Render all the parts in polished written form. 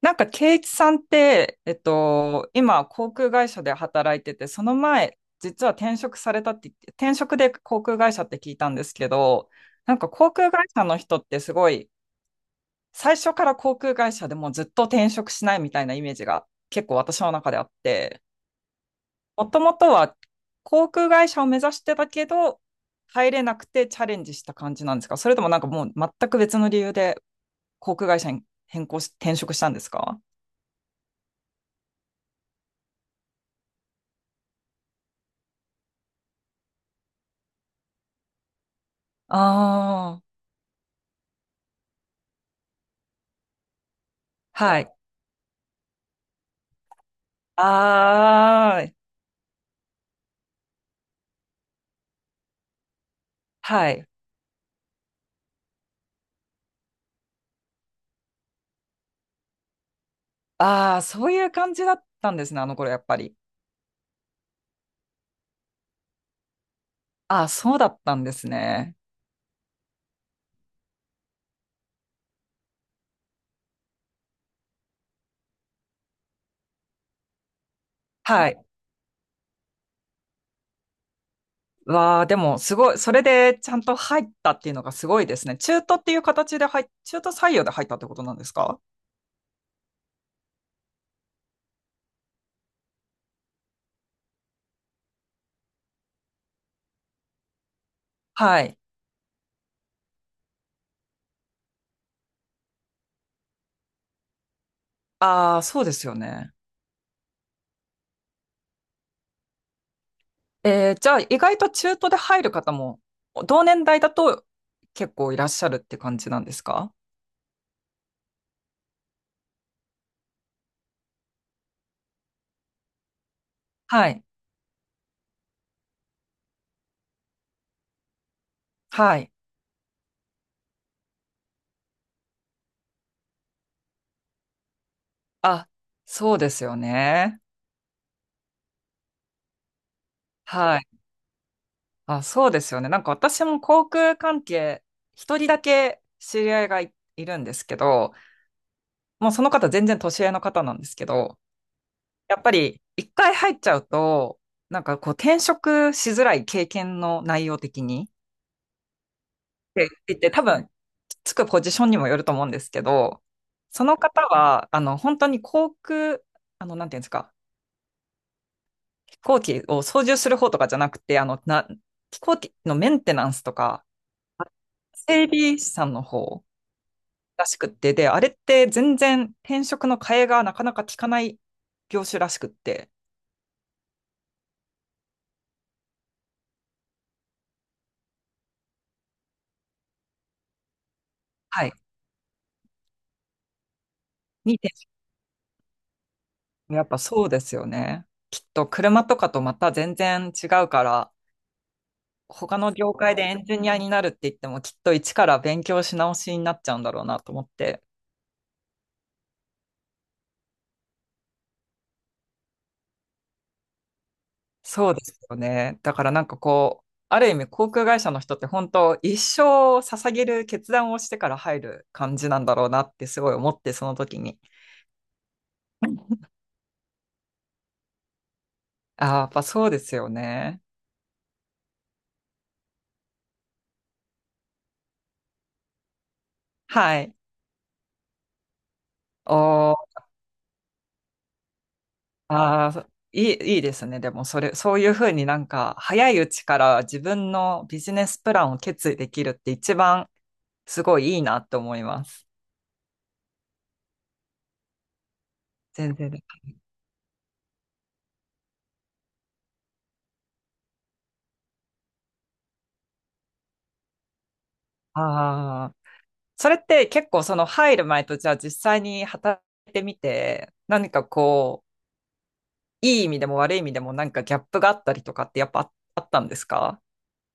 なんか、圭一さんって、今、航空会社で働いてて、その前、実は転職されたって言って、転職で航空会社って聞いたんですけど、なんか航空会社の人ってすごい、最初から航空会社でもうずっと転職しないみたいなイメージが結構私の中であって、もともとは航空会社を目指してたけど、入れなくてチャレンジした感じなんですか？それともなんかもう全く別の理由で航空会社に変更し、転職したんですか？ああー。はい。ああ、はい。ああ、そういう感じだったんですね、あの頃やっぱり。ああ、そうだったんですね。はい。わあ、でもすごい、それでちゃんと入ったっていうのがすごいですね。中途っていう形で入っ、中途採用で入ったってことなんですか？はい。ああ、そうですよね。えー、じゃあ意外と中途で入る方も、同年代だと結構いらっしゃるって感じなんですか？はい。はい。あ、そうですよね。はい。あ、そうですよね。なんか私も航空関係、一人だけ知り合いがい、いるんですけど、もうその方全然年上の方なんですけど、やっぱり一回入っちゃうと、なんかこう転職しづらい経験の内容的に、って言って多分つくポジションにもよると思うんですけど、その方は、あの、本当に航空、あの、なんていうんですか、飛行機を操縦する方とかじゃなくて、飛行機のメンテナンスとか、整備士さんの方、らしくって、で、あれって全然転職の替えがなかなか効かない業種らしくって、はい。に転職やっぱそうですよね。きっと車とかとまた全然違うから、他の業界でエンジニアになるって言っても、きっと一から勉強し直しになっちゃうんだろうなと思って。そうですよね。だからなんかこう、ある意味航空会社の人って本当一生を捧げる決断をしてから入る感じなんだろうなってすごい思ってその時に。ああ、やっぱそうですよね。はい。おー、あー、いいですね。でも、そういうふうになんか、早いうちから自分のビジネスプランを決意できるって一番すごいいいなって思います。全然です。ああ、それって結構その入る前とじゃあ実際に働いてみて、何かこう、いい意味でも悪い意味でもなんかギャップがあったりとかってやっぱあったんですか？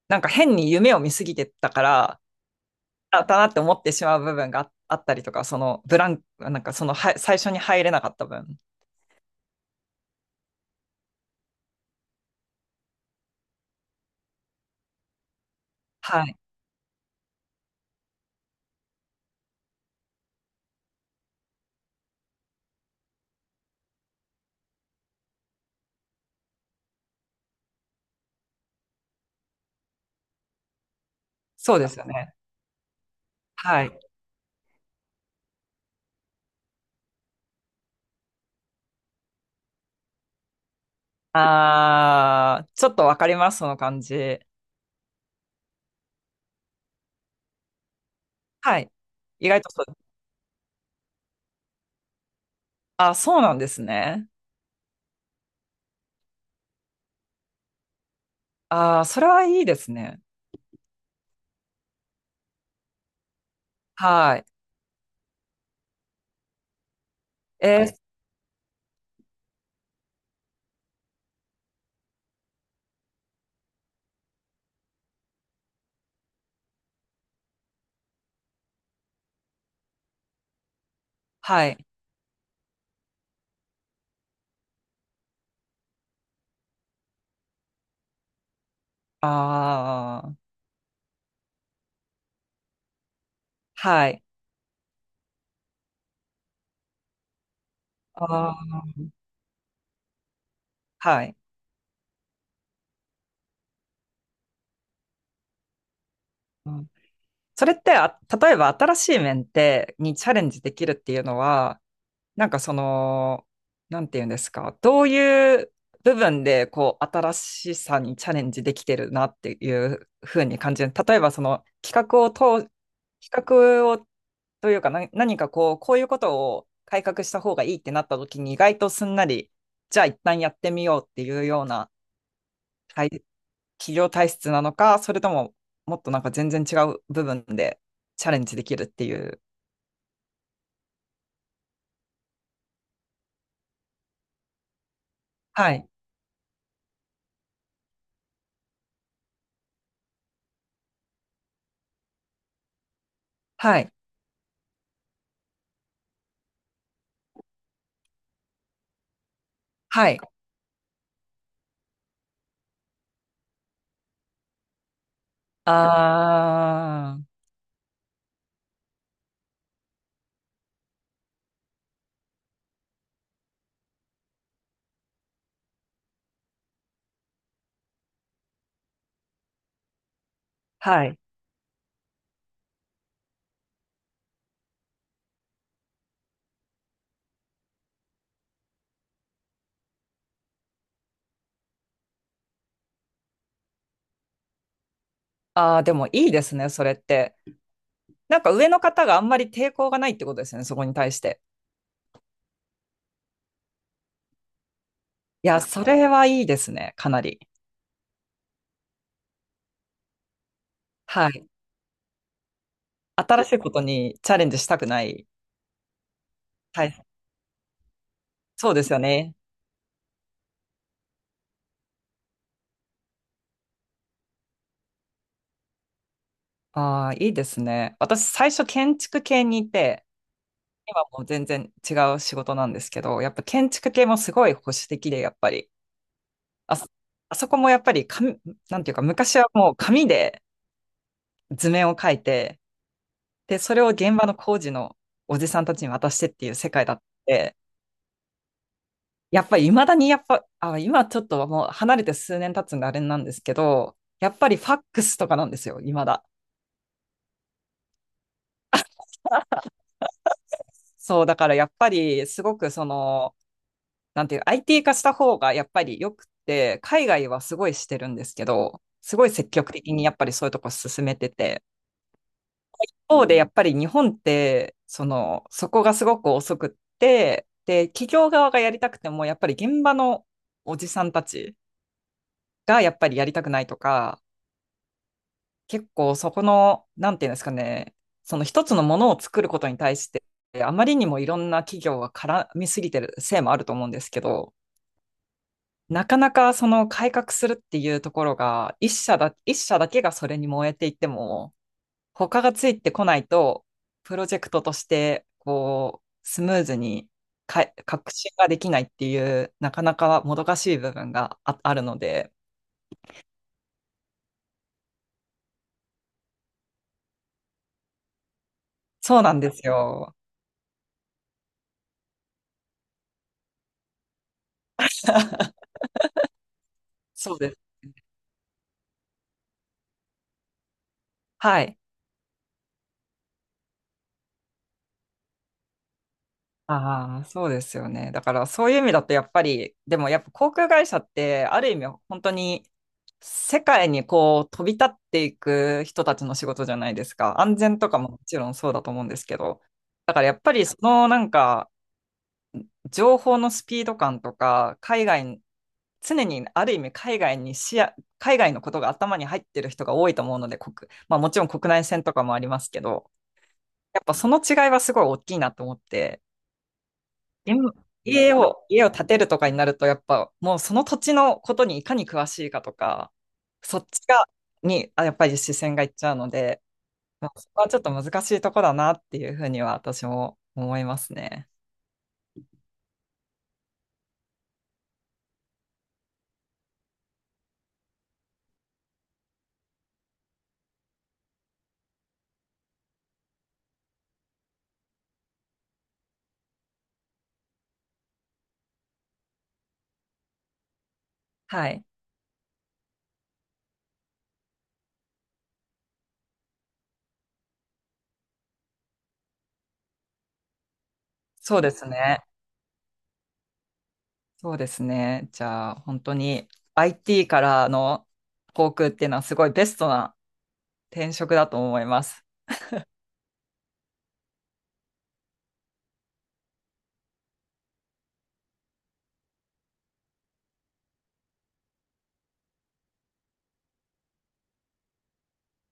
なんか変に夢を見すぎてたから、だったなって思ってしまう部分があったりとか、そのブランク、なんかそのは最初に入れなかった分。はい。そうですよね。はい。あー、ちょっとわかります、その感じ。はい。意外とそう。あ、そうなんですね。あー、それはいいですね。はい。えー、はい。あー、はい。あー、はい。うん。それって、あ、例えば新しい面ってにチャレンジできるっていうのは、なんかその、なんていうんですか、どういう部分でこう新しさにチャレンジできてるなっていうふうに感じる。例えばその通、企画をというかな何かこう、こういうことを改革した方がいいってなった時に意外とすんなり、じゃあ一旦やってみようっていうような体企業体質なのか、それとももっとなんか全然違う部分でチャレンジできるっていう。はい。はい。はい。ああ。はい。ああ、でもいいですね、それって。なんか上の方があんまり抵抗がないってことですね、そこに対して。いや、それはいいですね、かなり。はい。新しいことにチャレンジしたくない。はい。そうですよね。ああ、いいですね。私、最初建築系にいて、今もう全然違う仕事なんですけど、やっぱ建築系もすごい保守的で、やっぱり。あそ、あそこもやっぱり紙、なんていうか、昔はもう紙で図面を描いて、で、それを現場の工事のおじさんたちに渡してっていう世界だって、やっぱり未だにやっぱ、あ、今ちょっともう離れて数年経つんであれなんですけど、やっぱりファックスとかなんですよ、未だ。そう、だからやっぱりすごくその、なんていう、IT 化した方がやっぱり良くて、海外はすごいしてるんですけど、すごい積極的にやっぱりそういうとこ進めてて、方でやっぱり日本って、その、そこがすごく遅くって、で、企業側がやりたくても、やっぱり現場のおじさんたちがやっぱりやりたくないとか、結構そこの、なんていうんですかね、その一つのものを作ることに対して、あまりにもいろんな企業が絡みすぎてるせいもあると思うんですけど、なかなかその改革するっていうところが、一社だけがそれに燃えていても、他がついてこないと、プロジェクトとして、こう、スムーズに革新ができないっていう、なかなかもどかしい部分があるので、そうなんですよ。そうです。はい。ああ、そうですよね。だからそういう意味だとやっぱり、でもやっぱ航空会社ってある意味本当に世界にこう飛び立っていく人たちの仕事じゃないですか。安全とかももちろんそうだと思うんですけど。だからやっぱりそのなんか情報のスピード感とか、海外、常にある意味海外に視野、海外のことが頭に入ってる人が多いと思うので、国、まあもちろん国内線とかもありますけど、やっぱその違いはすごい大きいなと思って、今家を建てるとかになると、やっぱもうその土地のことにいかに詳しいかとか、そっちが、やっぱり視線がいっちゃうので、まあ、そこはちょっと難しいとこだなっていうふうには私も思いますね。はい。そうですね。そうですね。じゃあ、本当に IT からの航空っていうのはすごいベストな転職だと思います。